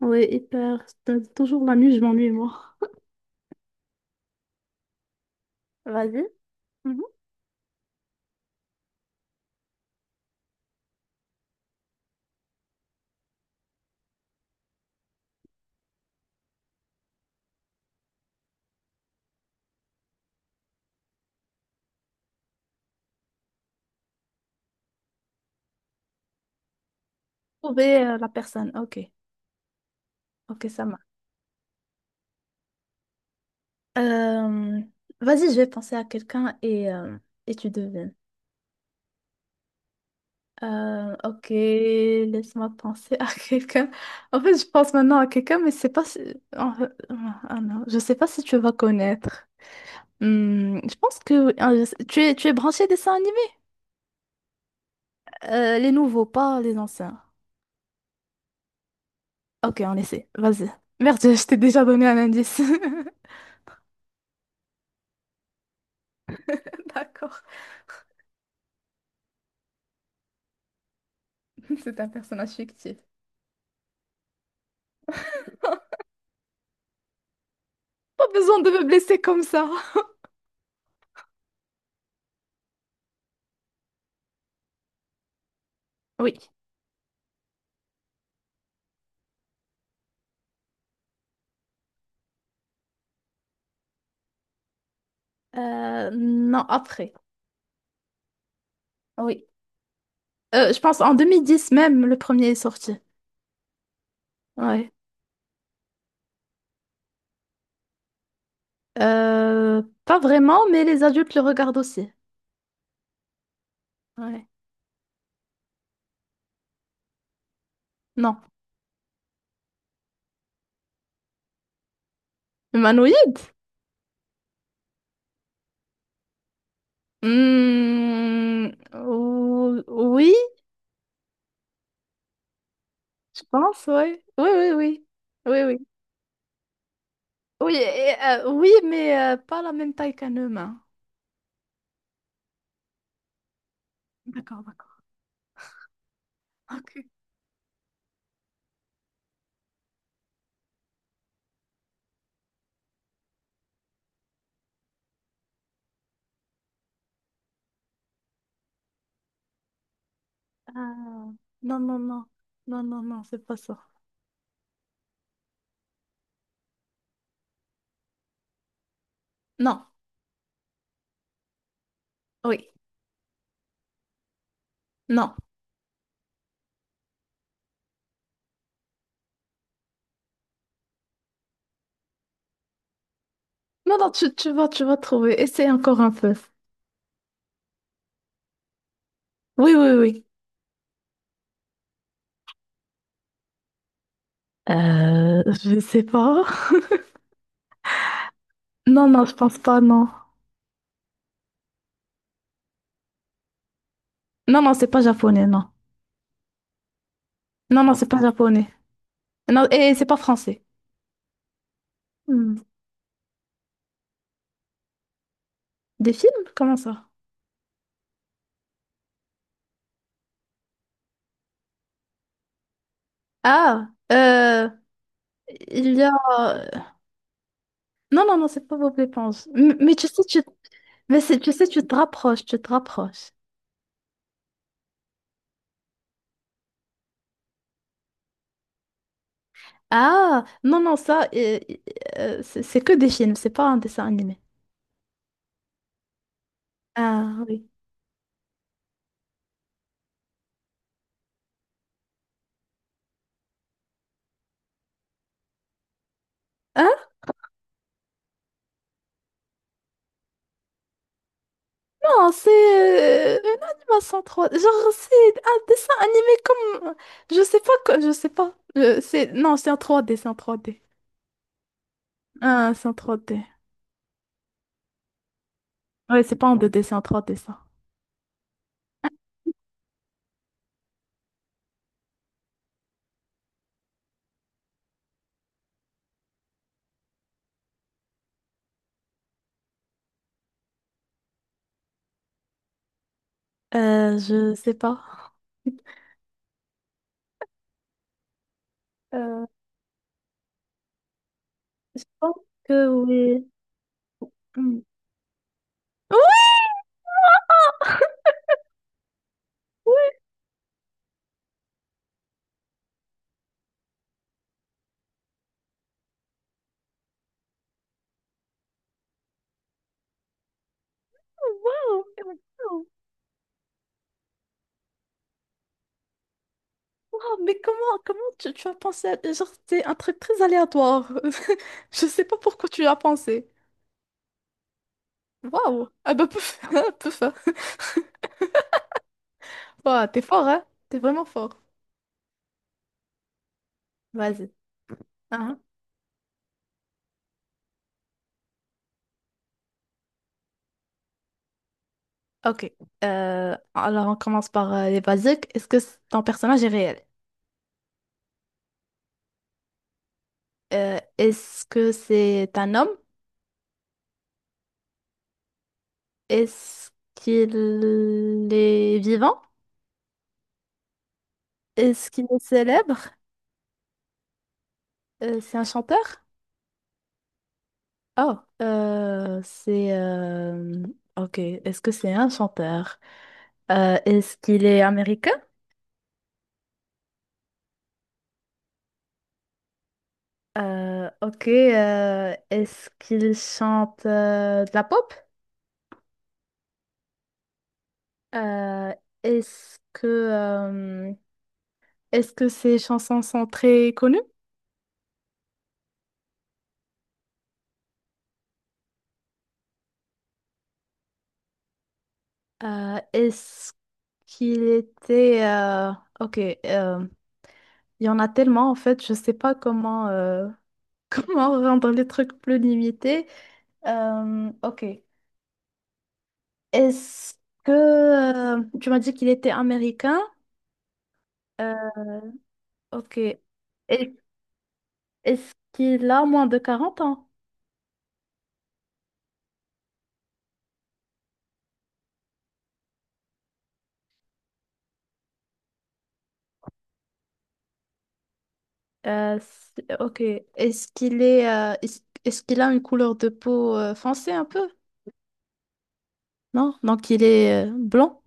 Ouais, hyper. T'as toujours la nuit, je m'ennuie, moi. Vas-y. Mhm. Trouver la personne. Ok. Ok, ça marche. Euh, vas-y, je vais penser à quelqu'un et et tu devines. Ok, laisse-moi penser à quelqu'un. En fait, je pense maintenant à quelqu'un, mais c'est pas si... en fait, ah ah, non, je sais pas si tu vas connaître. Hmm, je pense que ah, tu es branché dessin animé? Les nouveaux, pas les anciens. Ok, on essaie. Vas-y. Merde, je t'ai déjà donné un indice. D'accord. C'est un personnage fictif. Pas besoin de me blesser comme ça. Oui. Non, après. Oui. Je pense en 2010 même, le premier est sorti. Ouais. Pas vraiment, mais les adultes le regardent aussi. Ouais. Non. Humanoïde? Hmm, oui, je pense, ouais. Oui, oui, oui. Oui, oui. Oui, et, oui, mais pas la même taille qu'un humain. D'accord, d'accord. Ok. Ah, non, non, non. Non, non, non, c'est pas ça. Non. Oui, non. Non, non, tu vas trouver. Essaye encore un peu. Oui, oui, oui. Je sais pas. Non, non, je pense pas, non. Non, non, c'est pas japonais, non. Non, non, c'est pas japonais. Non, et c'est pas français. Hmm. Des films? Comment ça? Ah, il y a... Non, non, non, c'est pas Bob l'éponge. Mais, tu sais, tu... Mais c'est, tu sais, tu te rapproches, tu te rapproches. Ah, non, non, ça, c'est que des films, c'est pas un dessin animé. Ah, oui. Ah, non, c'est une animation 3D. Genre, c'est un dessin animé comme... Je sais pas, je sais pas. C'est... Non, c'est en 3D. Ah, c'est en 3D. Ouais, c'est pas en 2D, c'est en 3D, ça. Je sais pas. Euh, je pense que oui. Hmm. Oui, oui, waouh, waouh, waouh, mais comment, tu as pensé à... Genre, c'est un truc très aléatoire. Je sais pas pourquoi tu y as pensé. Waouh. Ah bah, pouf, pouf. Ouah, t'es fort, hein? T'es vraiment fort. Vas-y. Hein. Ok. Alors, on commence par les basiques. Est-ce que ton personnage est réel? Est-ce que c'est un homme? Est-ce qu'il est vivant? Est-ce qu'il est célèbre? C'est un chanteur? Oh, ok. Est-ce que c'est un chanteur? Est-ce qu'il est américain? Ok. Est-ce qu'il chante de la pop? Euh, est-ce que euh, est-ce que ces chansons sont très connues? Est-ce qu'il était ok, euh, il y en a tellement en fait je sais pas comment comment rendre les trucs plus limités. Ok est-ce que tu m'as dit qu'il était américain? Euh, ok Est- est-ce qu'il a moins de 40 ans? Ok. Est-ce qu'il est, est-ce qu'il a une couleur de peau foncée un peu? Non? Donc il est blanc?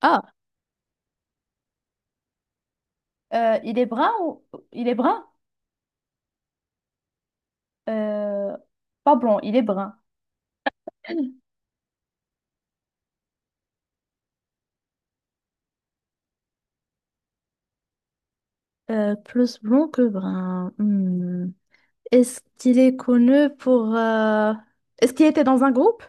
Ah, euh, il est brun ou... Il est brun? Euh, pas blond, il est brun. Euh, plus blond que brun. Hmm. Est-ce qu'il est connu pour... Est-ce qu'il était dans un groupe?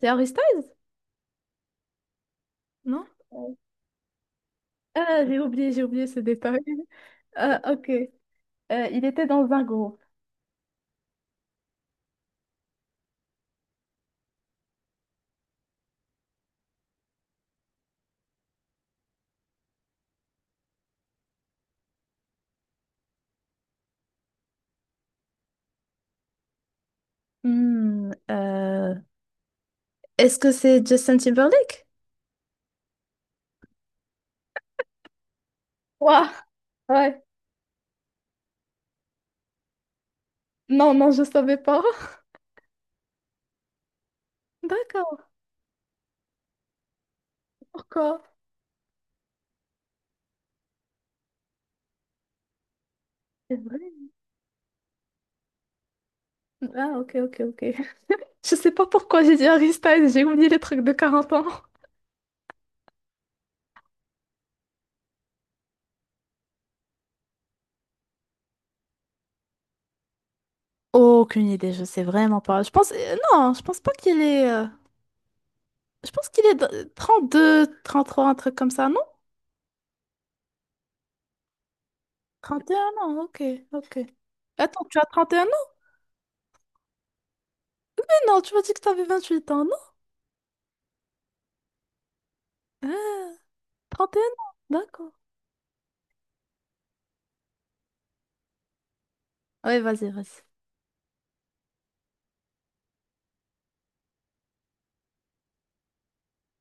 C'est Harry Styles? Non? Euh, Ah, j'ai oublié ce détail. Ah, ok. Il était dans un groupe. Hmm, euh, Est-ce que c'est Justin Timberlake? Ouah, ouais. Non, non, je savais pas. D'accord, pourquoi? C'est vrai. Ah, ok, ok, ok. Je sais pas pourquoi j'ai dit Harry Styles, j'ai oublié les trucs de 40 ans. Aucune idée, je sais vraiment pas. Je pense, non, je pense pas qu'il est, je pense qu'il est 32, 33, un truc comme ça, non? 31 ans, ok, ok. Attends, tu as 31 ans? Mais non, tu m'as dit que t'avais 8 ans, non? Ah, 31 ans, d'accord. Ouais, vas-y, vas-y.